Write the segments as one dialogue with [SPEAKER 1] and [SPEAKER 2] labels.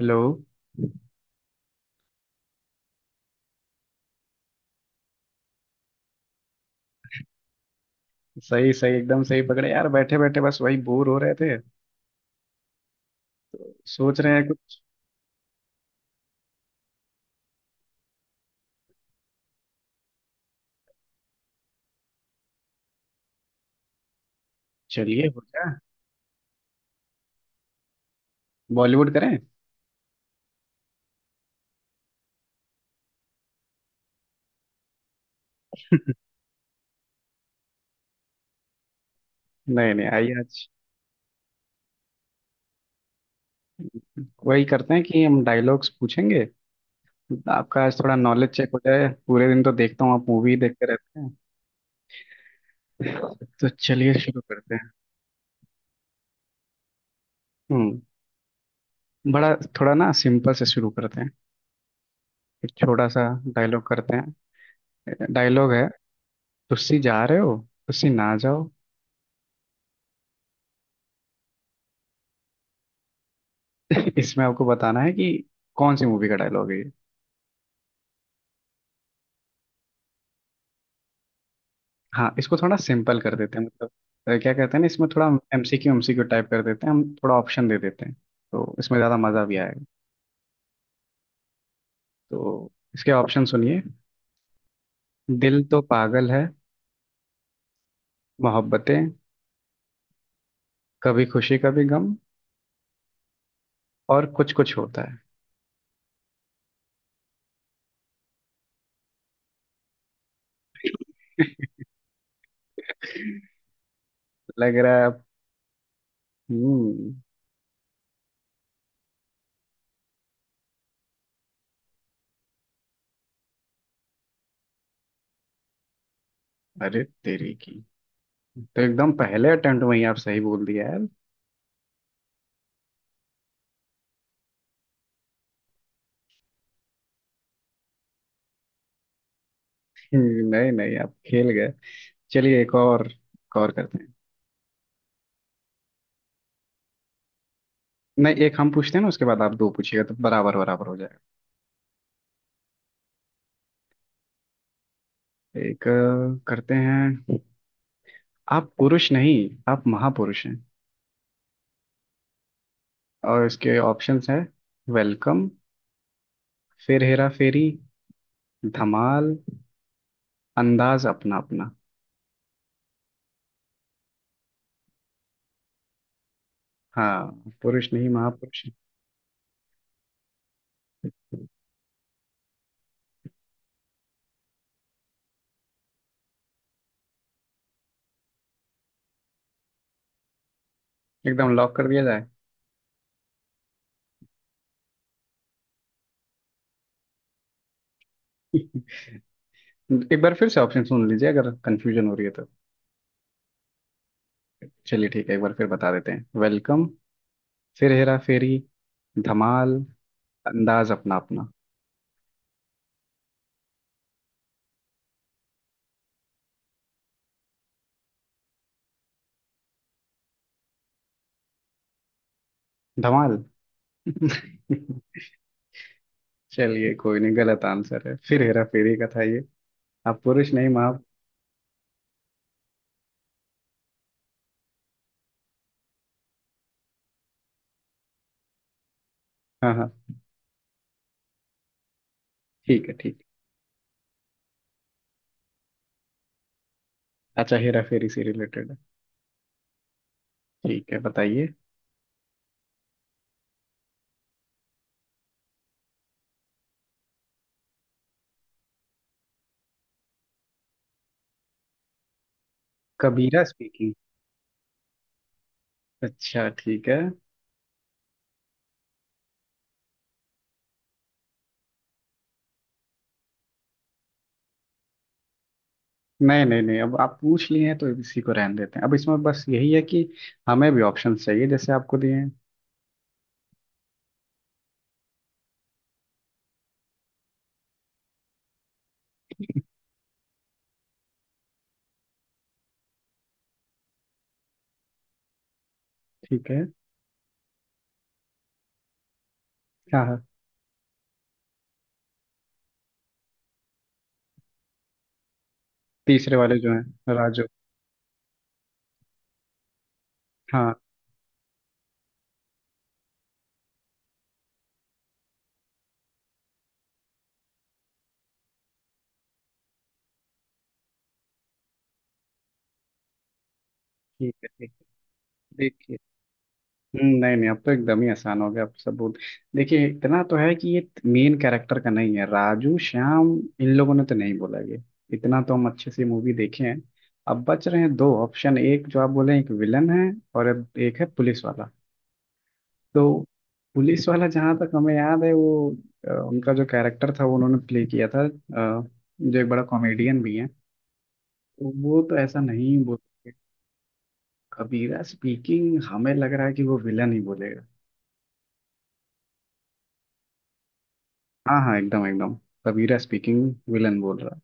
[SPEAKER 1] Hello. सही सही एकदम सही पकड़े यार, बैठे बैठे बस वही बोर हो रहे थे। सोच रहे हैं कुछ। चलिए हो जाए। बॉलीवुड करें। नहीं नहीं आइए आज वही करते हैं कि हम डायलॉग्स पूछेंगे। आपका आज थोड़ा नॉलेज चेक हो जाए, पूरे दिन तो देखता हूँ आप मूवी देखते रहते हैं। तो चलिए शुरू करते हैं। हम्म। बड़ा थोड़ा ना सिंपल से शुरू करते हैं। एक छोटा सा डायलॉग करते हैं। डायलॉग है, तुसी जा रहे हो तुसी ना जाओ। इसमें आपको बताना है कि कौन सी मूवी का डायलॉग है ये। हाँ इसको थोड़ा सिंपल कर देते हैं, मतलब क्या कहते हैं ना, इसमें थोड़ा MCQ MCQ टाइप कर देते हैं, हम थोड़ा ऑप्शन दे देते हैं तो इसमें ज़्यादा मज़ा भी आएगा। तो इसके ऑप्शन सुनिए। दिल तो पागल है। मोहब्बतें। कभी खुशी कभी गम। और कुछ कुछ होता है। लग रहा है आप-। हम्म। अरे तेरी की। तो एकदम पहले अटेम्प्ट में ही आप सही बोल दिया यार। नहीं नहीं आप खेल गए। चलिए एक और करते हैं। नहीं, एक हम पूछते हैं ना, उसके बाद आप दो पूछिएगा तो बराबर बराबर हो जाएगा। एक करते हैं। आप पुरुष नहीं, आप महापुरुष हैं। और इसके ऑप्शंस हैं। वेलकम। फिर हेरा फेरी। धमाल। अंदाज अपना अपना। हाँ, पुरुष नहीं महापुरुष हैं। एकदम लॉक कर दिया जाए। एक बार फिर से ऑप्शन सुन लीजिए अगर कंफ्यूजन हो रही है तो। चलिए ठीक है, एक बार फिर बता देते हैं। वेलकम। फिर हेरा फेरी। धमाल। अंदाज अपना अपना। धमाल। चलिए कोई नहीं, गलत आंसर है, फिर हेरा फेरी का था ये। आप पुरुष नहीं। हाँ हाँ। ठीक है ठीक है। अच्छा, हेरा फेरी से रिलेटेड है। ठीक है बताइए। कबीरा स्पीकिंग। अच्छा ठीक है। नहीं नहीं नहीं, अब आप पूछ लिए हैं तो इसी को रहने देते हैं। अब इसमें बस यही है कि हमें भी ऑप्शन चाहिए जैसे आपको दिए हैं। ठीक है। हाँ हाँ। तीसरे वाले जो हैं, राजू। हाँ। ठीक है ठीक है। देखिए। नहीं नहीं, अब तो एकदम ही आसान हो गया, अब सबूत। देखिए, इतना तो है कि ये मेन कैरेक्टर का नहीं है, राजू श्याम इन लोगों ने तो नहीं बोला ये। इतना तो हम अच्छे से मूवी देखे हैं। अब बच रहे हैं दो ऑप्शन, एक जो आप बोले एक विलन है, और अब एक है पुलिस वाला। तो पुलिस वाला जहाँ तक हमें याद है वो उनका जो कैरेक्टर था वो उन्होंने प्ले किया था जो एक बड़ा कॉमेडियन भी है। तो वो तो ऐसा नहीं बोल। कबीरा स्पीकिंग, हमें लग रहा है कि वो विलन ही बोलेगा। हाँ हाँ, एकदम एकदम। सबीरा स्पीकिंग विलन बोल रहा।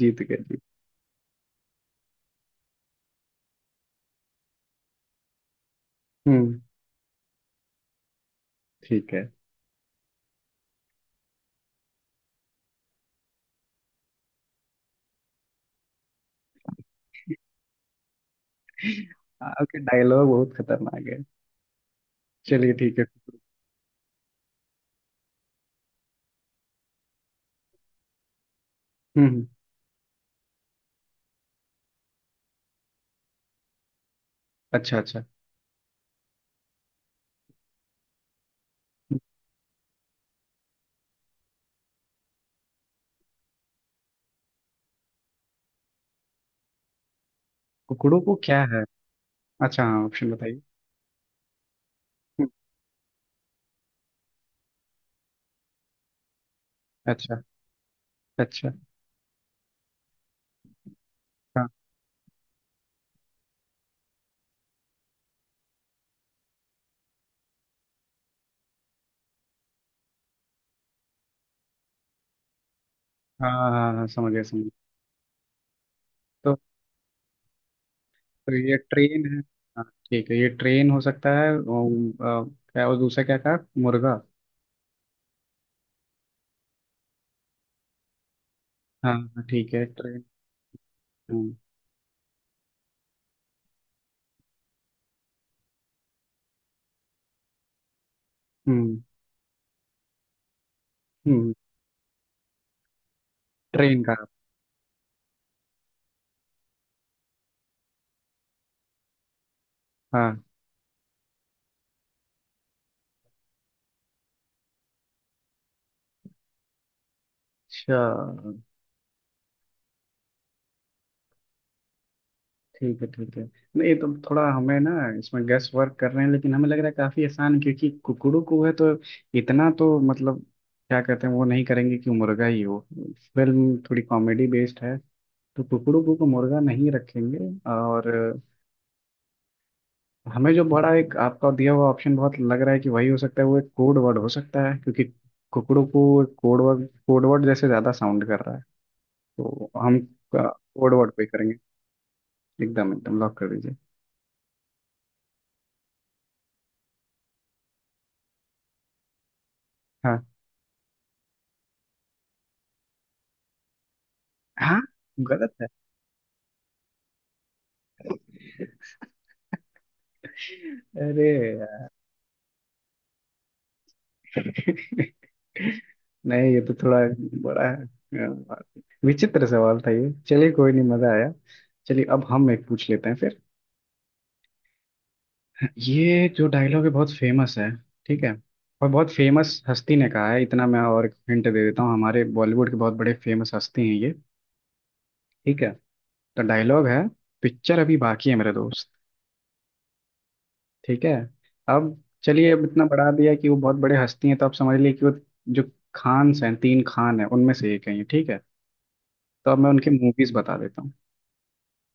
[SPEAKER 1] जीत गए जीत। हम्म। ठीक है। आपके डायलॉग बहुत खतरनाक है। चलिए ठीक है। हम्म। अच्छा अच्छा। कुकड़ों को क्या है। अच्छा हाँ, ऑप्शन बताइए। हम्म, अच्छा अच्छा। हाँ हाँ हाँ हाँ, समझ गया समझ गया। तो, तो ये ट्रेन है। हाँ ठीक है, ये ट्रेन हो सकता है और, क्या, और दूसरा क्या कहा, मुर्गा। हाँ हाँ, ठीक है, ट्रेन। हम्म हम्म हम्म, ट्रेन का। हाँ, अच्छा ठीक है ठीक है। नहीं ये तो थोड़ा हमें ना, इसमें गैस वर्क कर रहे हैं, लेकिन हमें लग रहा है काफी आसान है, क्योंकि कुकड़ू को है तो, इतना तो मतलब, क्या कहते हैं, वो नहीं करेंगे कि मुर्गा ही हो। फिल्म थोड़ी कॉमेडी बेस्ड है, तो कुकड़ू को तो मुर्गा नहीं रखेंगे। और हमें जो बड़ा एक आपका दिया हुआ ऑप्शन बहुत लग रहा है कि वही हो सकता है, वो एक कोड वर्ड हो सकता है, क्योंकि कुकड़ू को कोड वर्ड, कोड वर्ड जैसे ज्यादा साउंड कर रहा है। तो हम कोड वर्ड पे ही करेंगे। एकदम एकदम लॉक कर दीजिए। हाँ हाँ, गलत। अरे यार। नहीं ये तो थोड़ा बड़ा है, विचित्र सवाल था ये। चलिए कोई नहीं, मजा आया। चलिए अब हम एक पूछ लेते हैं फिर। ये जो डायलॉग है बहुत फेमस है। ठीक है। और बहुत फेमस हस्ती ने कहा है, इतना मैं और हिंट दे देता हूँ, हमारे बॉलीवुड के बहुत बड़े फेमस हस्ती हैं ये। ठीक है। तो डायलॉग है, पिक्चर अभी बाकी है मेरे दोस्त। ठीक है। अब चलिए, अब इतना बढ़ा दिया कि वो बहुत बड़े हस्ती हैं तो आप समझ लिए कि वो जो खान्स हैं, तीन खान हैं उनमें से एक है ये। ठीक है। तो अब मैं उनकी मूवीज बता देता हूँ।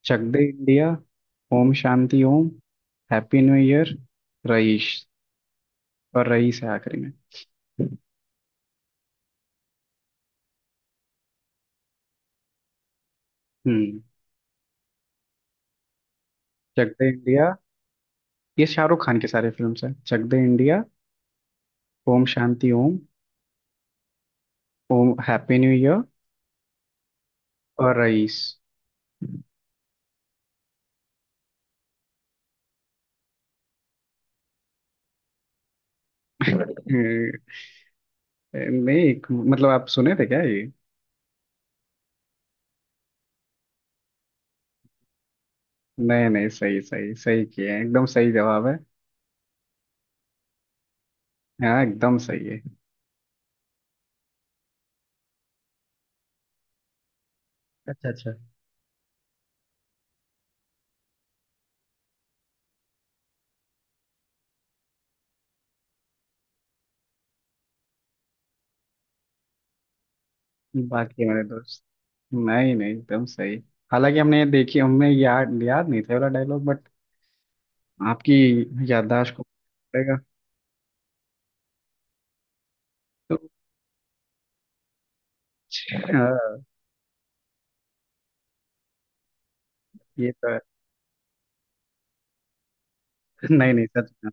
[SPEAKER 1] Chak De India. Om Shanti Om. Happy new year. Raees. और रईस है आखिरी में। हम्म। चक दे इंडिया, ये शाहरुख खान के सारे फिल्म्स हैं। Chak De India. Om Shanti Om. Om happy new year. और रईस। नहीं, मतलब आप सुने थे क्या ये। नहीं नहीं, सही सही सही किए हैं, एकदम सही जवाब है। हाँ एकदम सही है। बाकी मेरे दोस्त। नहीं नहीं एकदम सही। हालांकि हमने ये देखी, हमने याद याद नहीं था ये वाला डायलॉग, बट आपकी याददाश्त को पड़ेगा। तो हाँ, ये तो है। नहीं नहीं, सच में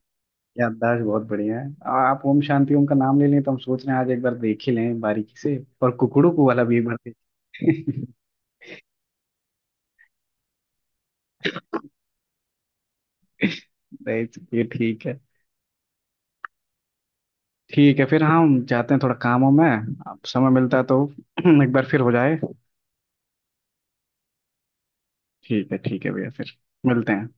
[SPEAKER 1] याददाश्त बहुत बढ़िया है। आप ओम शांति ओम का नाम ले लें तो हम सोच रहे हैं आज एक बार देख ही लें बारीकी से, और कुकड़ू को वाला भी एक बार देख। नहीं, ये ठीक है। ठीक है फिर, हम जाते हैं, थोड़ा काम हो में अब समय मिलता है तो। एक बार फिर हो जाए। ठीक है भैया, फिर मिलते हैं।